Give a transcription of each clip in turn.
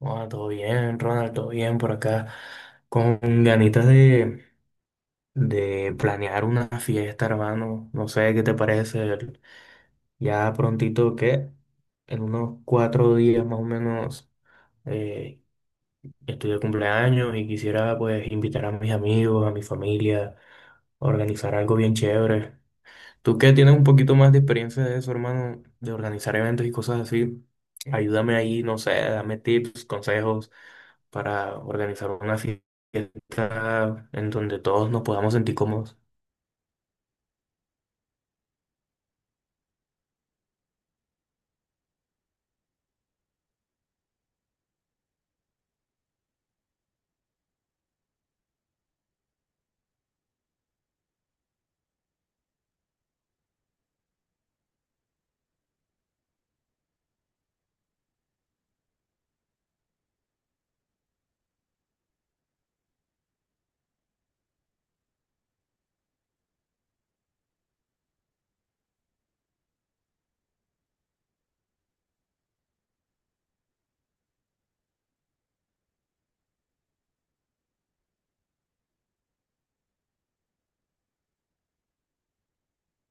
Hola, todo bien, Ronald, todo bien por acá. Con ganitas de planear una fiesta, hermano. No sé qué te parece. Ya prontito que en unos 4 días más o menos eh, estoy de cumpleaños y quisiera pues invitar a mis amigos, a mi familia, a organizar algo bien chévere. Tú que tienes un poquito más de experiencia de eso, hermano, de organizar eventos y cosas así, ayúdame ahí, no sé, dame tips, consejos para organizar una fiesta en donde todos nos podamos sentir cómodos.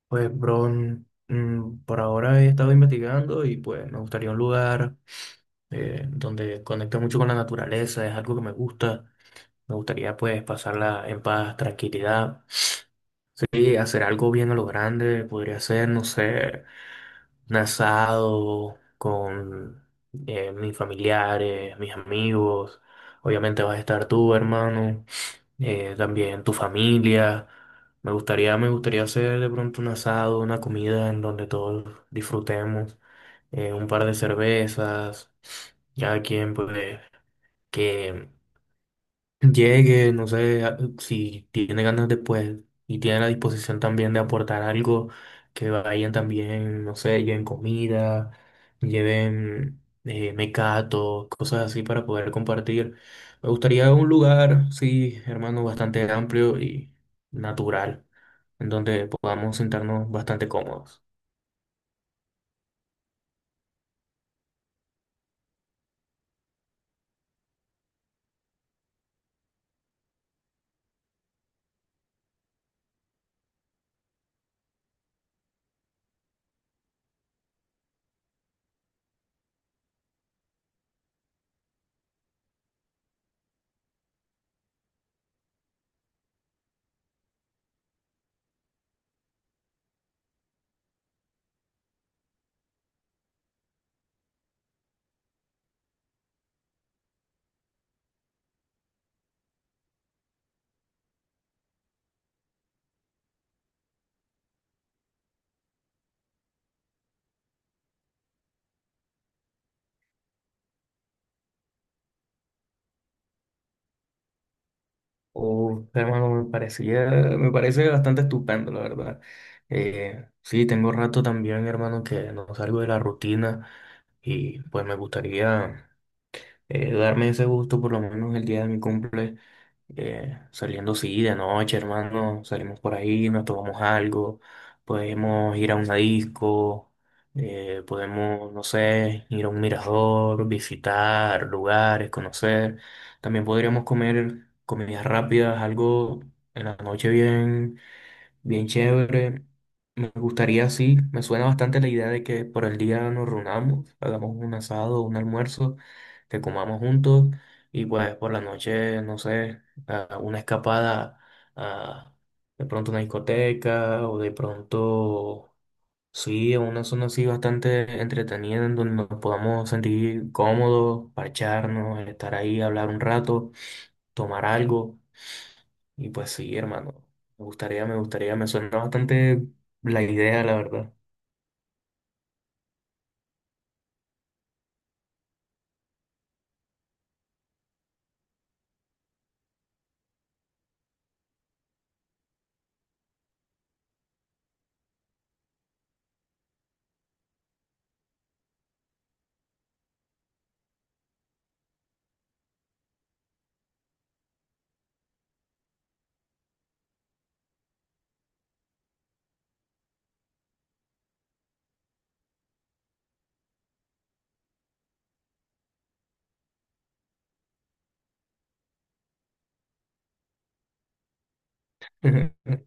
Pues, bro, por ahora he estado investigando y pues me gustaría un lugar donde conecte mucho con la naturaleza, es algo que me gusta. Me gustaría pues pasarla en paz, tranquilidad. Sí, hacer algo bien a lo grande, podría ser, no sé. Un asado con mis familiares, mis amigos. Obviamente vas a estar tú, hermano, también tu familia. Me gustaría hacer de pronto un asado, una comida en donde todos disfrutemos, un par de cervezas, cada quien pues que llegue, no sé, si tiene ganas después y tiene la disposición también de aportar algo, que vayan también, no sé, lleven comida, lleven mecato, cosas así para poder compartir. Me gustaría un lugar, sí, hermano, bastante amplio y natural, en donde podamos sentarnos bastante cómodos. Uf, hermano, me parece bastante estupendo, la verdad. Sí, tengo rato también, hermano, que no salgo de la rutina y pues me gustaría darme ese gusto por lo menos el día de mi cumple, saliendo sí de noche, hermano, salimos por ahí, nos tomamos algo, podemos ir a una disco, podemos, no sé, ir a un mirador, visitar lugares, conocer. También podríamos comer comidas rápidas, algo en la noche bien. Bien chévere. Me gustaría, sí, me suena bastante la idea de que por el día nos reunamos, hagamos un asado, un almuerzo, que comamos juntos y pues por la noche, no sé, a una escapada a de pronto una discoteca o de pronto, sí, a una zona así bastante entretenida en donde nos podamos sentir cómodos, parcharnos, estar ahí, hablar un rato, tomar algo. Y pues sí, hermano, me gustaría, me suena bastante la idea, la verdad.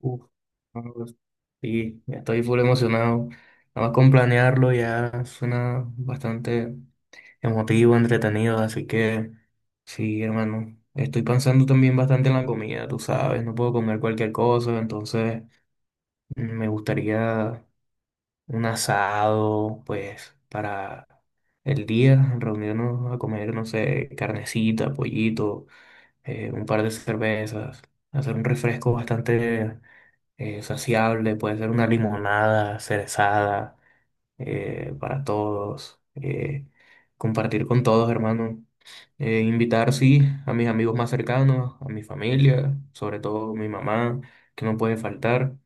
Uf, no, pues, sí, ya estoy full emocionado. Nada más con planearlo ya suena bastante emotivo, entretenido, así que sí, hermano. Estoy pensando también bastante en la comida, tú sabes, no puedo comer cualquier cosa, entonces me gustaría un asado, pues, para el día, reunirnos a comer, no sé, carnecita, pollito, un par de cervezas, hacer un refresco bastante saciable, puede ser una limonada cerezada para todos, compartir con todos, hermano. Invitar, sí, a mis amigos más cercanos, a mi familia, sobre todo mi mamá, que no puede faltar.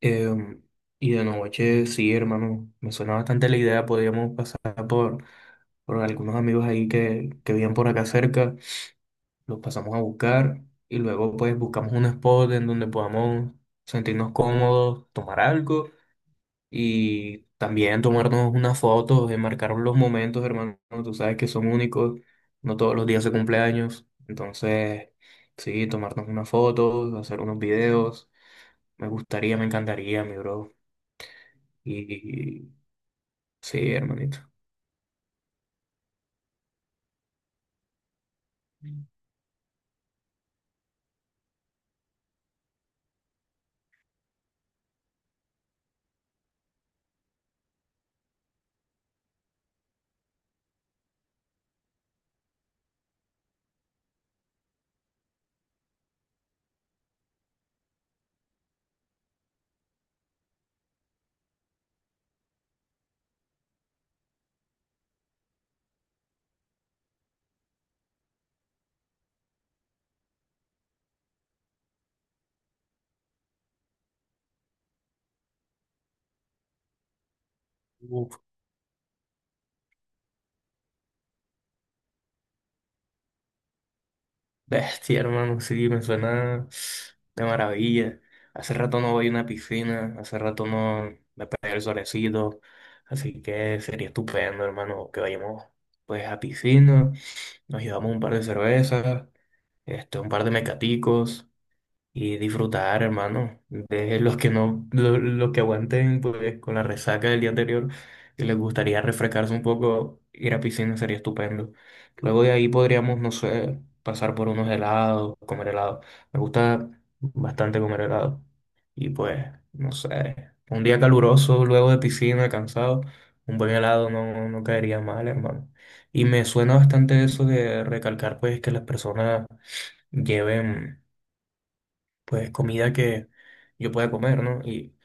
Em, y de noche, sí, hermano, me suena bastante la idea. Podríamos pasar por algunos amigos ahí que viven por acá cerca, los pasamos a buscar y luego pues buscamos un spot en donde podamos sentirnos cómodos, tomar algo y también tomarnos unas fotos, enmarcar los momentos, hermano. Tú sabes que son únicos, no todos los días se cumpleaños. Entonces, sí, tomarnos unas fotos, hacer unos videos. Me gustaría, me encantaría, mi bro. Y sí, hermanito. Uf, bestia, hermano, sí, me suena de maravilla. Hace rato no voy a una piscina, hace rato no me pegué el solecito, así que sería estupendo, hermano, que vayamos pues a piscina, nos llevamos un par de cervezas, este, un par de mecaticos. Y disfrutar, hermano, de los que no, los que aguanten pues con la resaca del día anterior y les gustaría refrescarse un poco, ir a piscina sería estupendo. Luego de ahí podríamos, no sé, pasar por unos helados, comer helado. Me gusta bastante comer helado. Y pues, no sé, un día caluroso, luego de piscina, cansado, un buen helado no caería mal, hermano. Y me suena bastante eso de recalcar pues que las personas lleven pues comida que yo pueda comer, ¿no? Y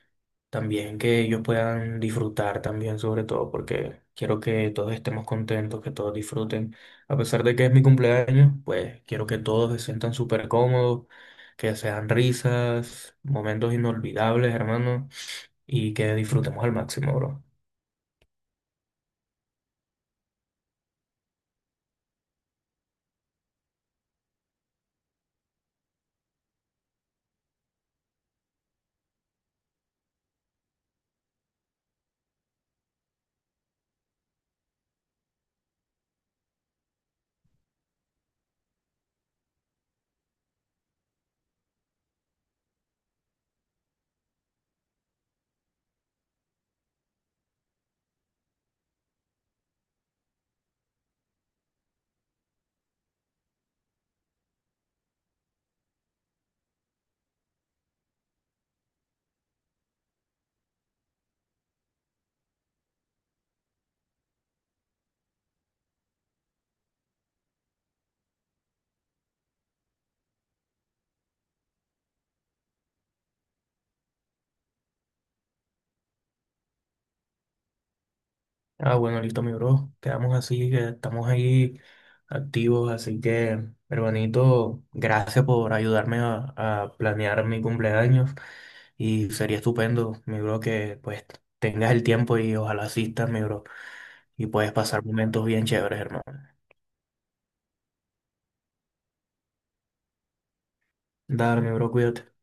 también que ellos puedan disfrutar también, sobre todo, porque quiero que todos estemos contentos, que todos disfruten. A pesar de que es mi cumpleaños, pues quiero que todos se sientan súper cómodos, que sean risas, momentos inolvidables, hermano, y que disfrutemos al máximo, bro. Ah, bueno, listo, mi bro. Quedamos así, que estamos ahí activos, así que, hermanito, gracias por ayudarme a planear mi cumpleaños y sería estupendo, mi bro, que pues tengas el tiempo y ojalá asistas, mi bro, y puedes pasar momentos bien chéveres, hermano. Dale, mi bro, cuídate.